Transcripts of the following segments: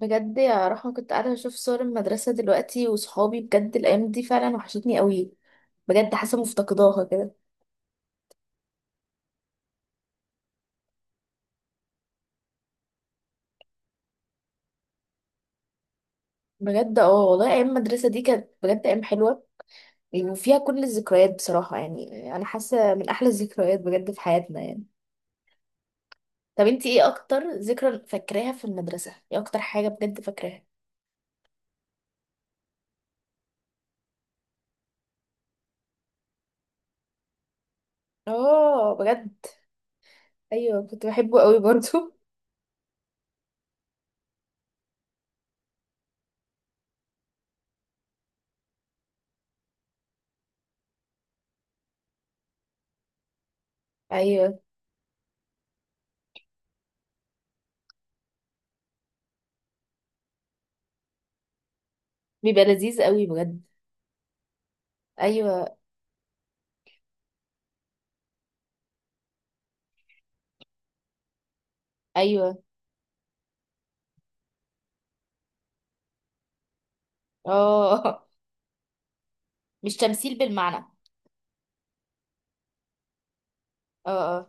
بجد يا رحمة، كنت قاعدة بشوف صور المدرسة دلوقتي وصحابي. بجد الأيام دي فعلا وحشتني قوي. بجد حاسة مفتقداها كده. بجد اه والله، أيام المدرسة دي كانت بجد أيام حلوة يعني، وفيها كل الذكريات. بصراحة يعني أنا حاسة من أحلى الذكريات بجد في حياتنا يعني. طب انتي ايه أكتر ذكرى فاكراها في المدرسة؟ ايه أكتر حاجة بجد فاكراها؟ اه بجد. أيوه كنت بحبه قوي برضو. أيوه. بيبقى لذيذ قوي بجد. أيوه. أيوه. اه. مش تمثيل بالمعنى. اه.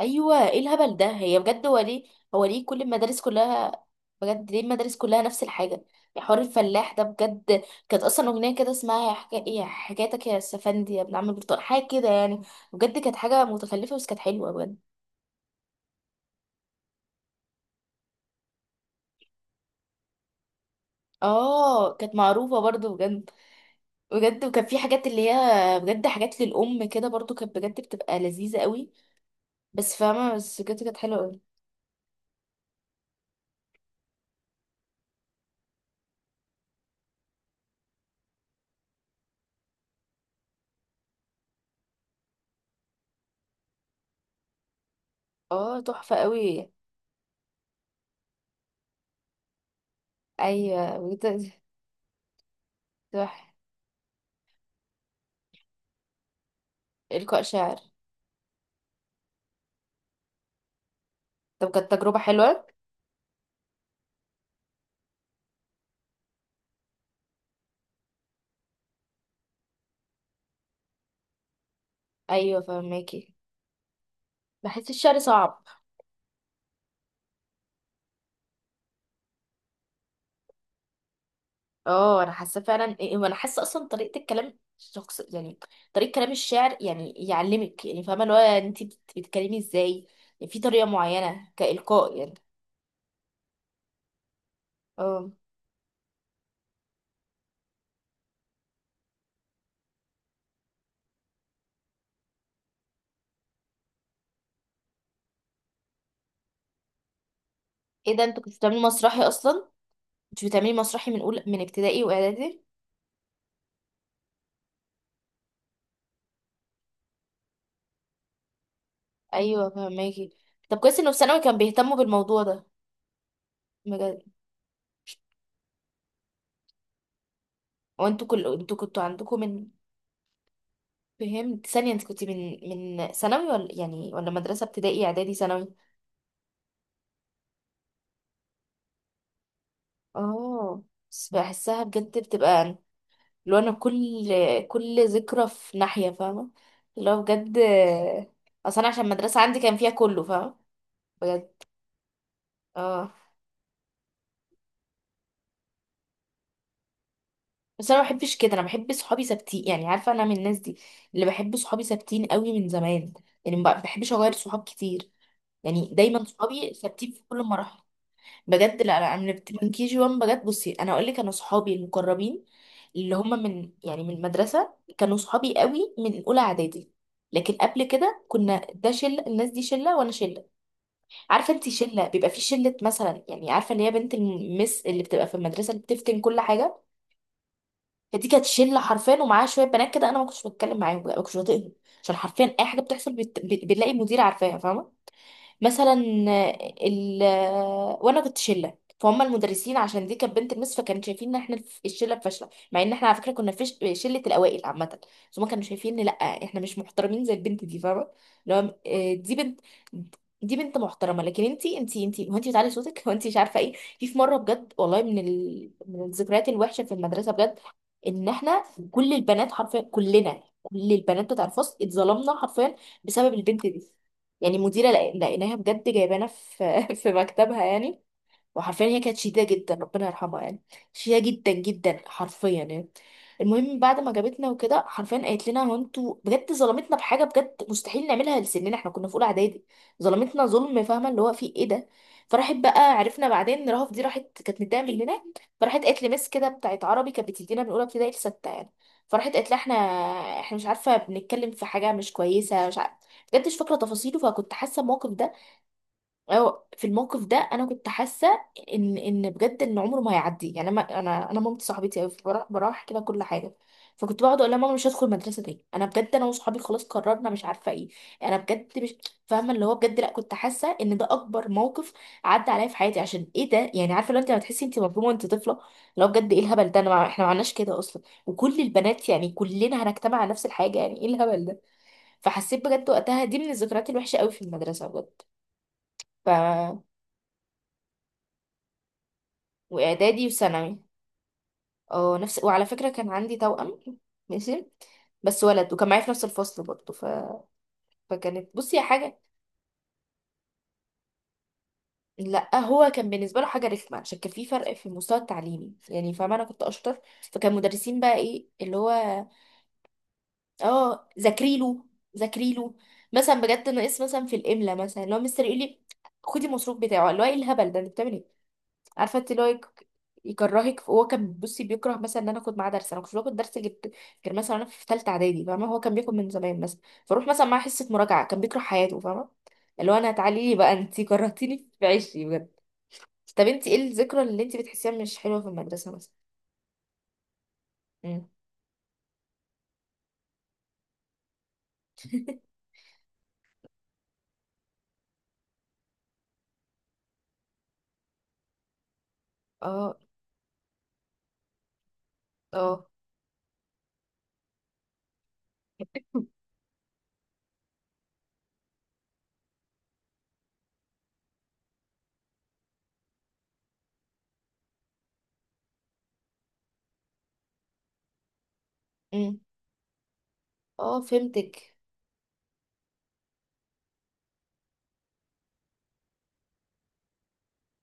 ايوه، ايه الهبل ده؟ هي بجد، هو ليه؟ هو ليه كل المدارس كلها؟ بجد ليه المدارس كلها نفس الحاجه؟ يا حوار الفلاح ده بجد. كانت اصلا اغنيه كده اسمها يا حكايتك يا السفندي يا ابن عم البرتقال، حاجه كده يعني. بجد كانت حاجه متخلفه، بس كانت حلوه بجد. اه كانت معروفه برضو بجد. بجد وكان في حاجات اللي هي بجد حاجات للام كده برضو، كانت بجد بتبقى لذيذه قوي. بس فاهمه، بس بجد كانت حلوه قوي. اه تحفه قوي. ايوه بجد. تحفه. القاء شعر؟ طب كانت تجربه حلوه. ايوه فهماكي. بحس الشعر صعب. اه انا حاسه فعلا، إيه، وانا حاسه اصلا طريقه الكلام شخص يعني، طريقه كلام الشعر يعني يعلمك، يعني فاهمه اللي هو انت بتتكلمي ازاي، يعني في طريقه معينه كالقاء يعني. اه. ايه ده؟ انت كنت بتعملي مسرحي اصلا؟ كنت بتعملي مسرحي من اول، من ابتدائي واعدادي؟ ايوه فهماكي. طب كويس انه في ثانوي كان بيهتموا بالموضوع ده. بجد. وانتوا كل انتوا كنتوا عندكم من؟ فهمت ثانيه، انت كنت من، من ثانوي ولا يعني، ولا مدرسه ابتدائي اعدادي ثانوي؟ اه بس بحسها بجد بتبقى، لو انا كل ذكرى في ناحية فاهمة، اللي هو بجد. اصلا أنا عشان المدرسة عندي كان فيها كله فاهمة. بجد. اه بس انا ما بحبش كده، انا بحب صحابي ثابتين يعني، عارفة انا من الناس دي اللي بحب صحابي ثابتين قوي من زمان، يعني ما بحبش اغير صحاب كتير، يعني دايما صحابي ثابتين في كل المراحل. بجد لا لا، انا من كي جي 1 بجد. بصي انا اقول لك، انا صحابي المقربين اللي هم من، يعني من المدرسه، كانوا صحابي قوي من اولى اعدادي، لكن قبل كده كنا، ده شله الناس دي شله وانا شله. عارفه انت شله بيبقى في شله مثلا، يعني عارفه اللي هي بنت المس اللي بتبقى في المدرسه اللي بتفتن كل حاجه. فدي كانت شله حرفيا، ومعاها شويه بنات كده انا ما كنتش بتكلم معاهم بقى، ما كنتش بطيقهم. عشان حرفيا اي حاجه بتحصل بنلاقي مدير عارفاها فاهمه. مثلا. ال وانا كنت شله. فهم المدرسين عشان دي كانت بنت المس، فكانوا شايفين ان احنا الشله فاشله، مع ان احنا على فكره كنا فيش شله الاوائل عامه. بس هم كانوا شايفين ان لا، احنا مش محترمين زي البنت دي فاهمه. لو، دي بنت دي بنت محترمه، لكن انتي، هو انتي بتعلي صوتك، هو انتي مش عارفه ايه. في في مره بجد والله، من الذكريات الوحشه في المدرسه بجد، ان احنا، كل البنات حرفيا، كلنا كل البنات بتاع الفصل اتظلمنا حرفيا بسبب البنت دي. يعني مديرة لقيناها بجد جايبانا في في مكتبها يعني، وحرفيا هي كانت شديده جدا، ربنا يرحمها يعني. شديده جدا جدا حرفيا يعني. المهم بعد ما جابتنا وكده، حرفيا قالت لنا هو انتوا بجد ظلمتنا بحاجه بجد مستحيل نعملها لسننا، احنا كنا في اولى اعدادي. ظلمتنا ظلم فاهمه، اللي هو في ايه ده. فراحت بقى، عرفنا بعدين ان رهف دي راحت كانت متضايقه مننا، فراحت قالت لمس كده بتاعت عربي كانت بتدينا من اولى ابتدائي لسته يعني، فراحت قالت لها احنا، احنا مش عارفه بنتكلم في حاجه مش كويسه مش عارفه، بجد مش فاكره تفاصيله. فكنت حاسه الموقف ده، أو في الموقف ده انا كنت حاسه ان ان بجد ان عمره ما هيعدي يعني. انا مامتي صاحبتي قوي، بروح بروح أحكي لها كل حاجه. فكنت بقعد اقول لها ماما مش هدخل مدرسه تاني، انا بجد، انا وصحابي خلاص قررنا مش عارفه ايه. انا بجد مش فاهمه اللي هو بجد، لا كنت حاسه ان ده اكبر موقف عدى عليا في حياتي عشان ايه ده يعني. عارفه لو انت لما تحسي انت مظلومه وانت طفله، لو بجد، ايه الهبل ده؟ انا احنا ما عملناش كده اصلا، وكل البنات يعني كلنا هنجتمع على نفس الحاجه يعني، ايه الهبل ده. فحسيت بجد وقتها دي من الذكريات الوحشه قوي في المدرسه بجد. ف، واعدادي وثانوي. اه نفس. وعلى فكره كان عندي توأم. ماشي. بس ولد وكان معايا في نفس الفصل برضه ف... فكانت، بصي يا حاجه. لا هو كان بالنسبه له حاجه رخمه عشان كان في فرق في المستوى التعليمي يعني، فاهمه انا كنت اشطر. فكان مدرسين بقى، ايه اللي هو. اه ذاكري له. ذاكري له مثلا بجد، ناقص مثلا في الاملا، مثلا اللي هو مستر يقول لي خدي المصروف بتاعه، اللي هو ايه الهبل ده انت بتعمل ايه. عارفه انت اللي هو يكرهك. هو كان، بصي بيكره مثلا ان انا اخد معاه درس، انا كنت باخد درس غير، مثلا انا في ثالثه اعدادي فاهمه، هو كان بياخد من زمان مثلا. فاروح مثلا معاه حصه مراجعه كان بيكره حياته فاهمه، اللي هو انا تعالي لي بقى، انت كرهتيني في عيشي بجد. طب انت ايه الذكرى اللي انت بتحسيها مش حلوه في المدرسه مثلا؟ امم. اه. اه. امم. اه فهمتك.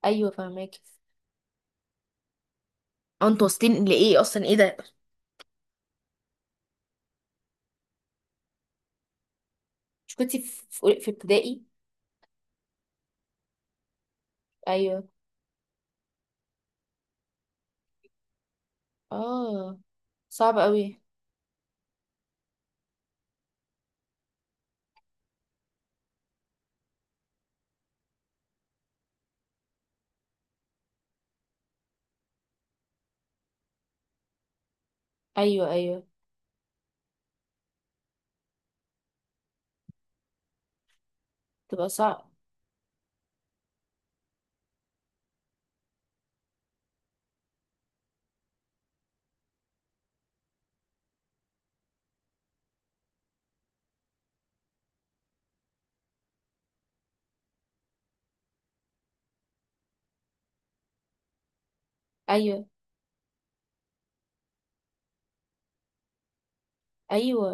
ايوه فهماكي. اه انتوا واصلين لايه اصلا؟ ايه ده؟ مش كنتي في في ابتدائي؟ ايوه. اه. صعب قوي. ايوه. ايوه. تبقى صعب. ايوه. ايوه.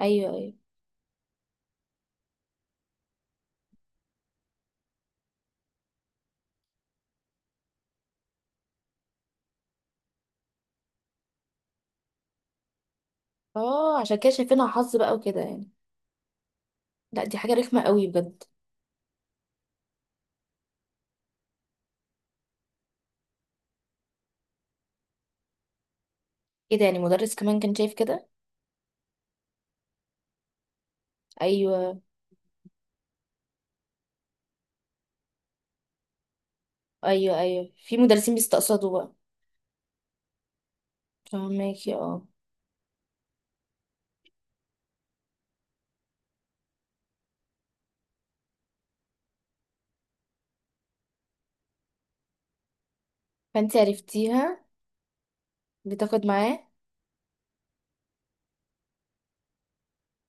ايوه. ايوه. اه عشان كده شايفينها حظ بقى وكده يعني. لا دي حاجه رخمه قوي بجد. ايه ده يعني مدرس كمان كان شايف كده؟ ايوه. ايوه. ايوه في مدرسين بيستقصدوا بقى. فهماكي اه. فانت عرفتيها بتاخد معاه.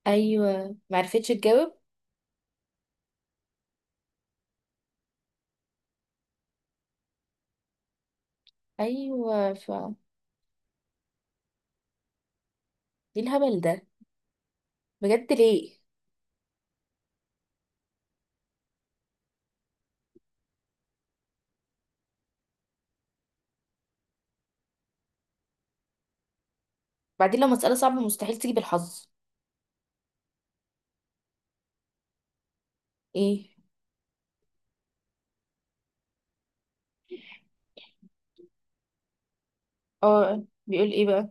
ايوه معرفتش تجاوب. ايوه ف، ايه الهبل ده بجد ليه؟ بعدين لو مساله صعبه مستحيل تيجي بالحظ. ايه. اه بيقول ايه بقى؟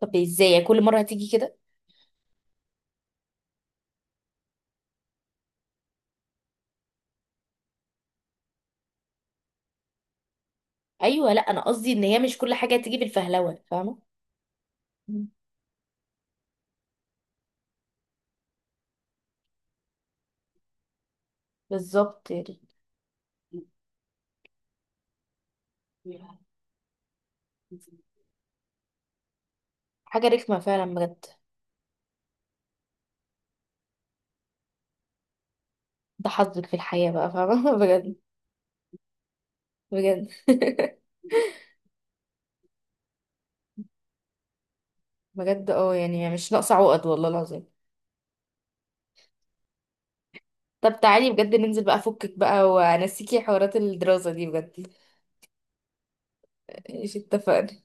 طب ازاي يعني كل مره هتيجي كده؟ ايوه لا انا قصدي ان هي مش كل حاجه تيجي بالفهلوه فاهمه. مم. بالظبط يعني. حاجه رخمه فعلا بجد. ده حظك في الحياه بقى فاهمه بجد. بجد بجد اه، يعني مش ناقصه عقد والله العظيم. طب تعالي بجد ننزل بقى فكك بقى وانسيكي حوارات الدراسه دي بجد. ماشي اتفقنا.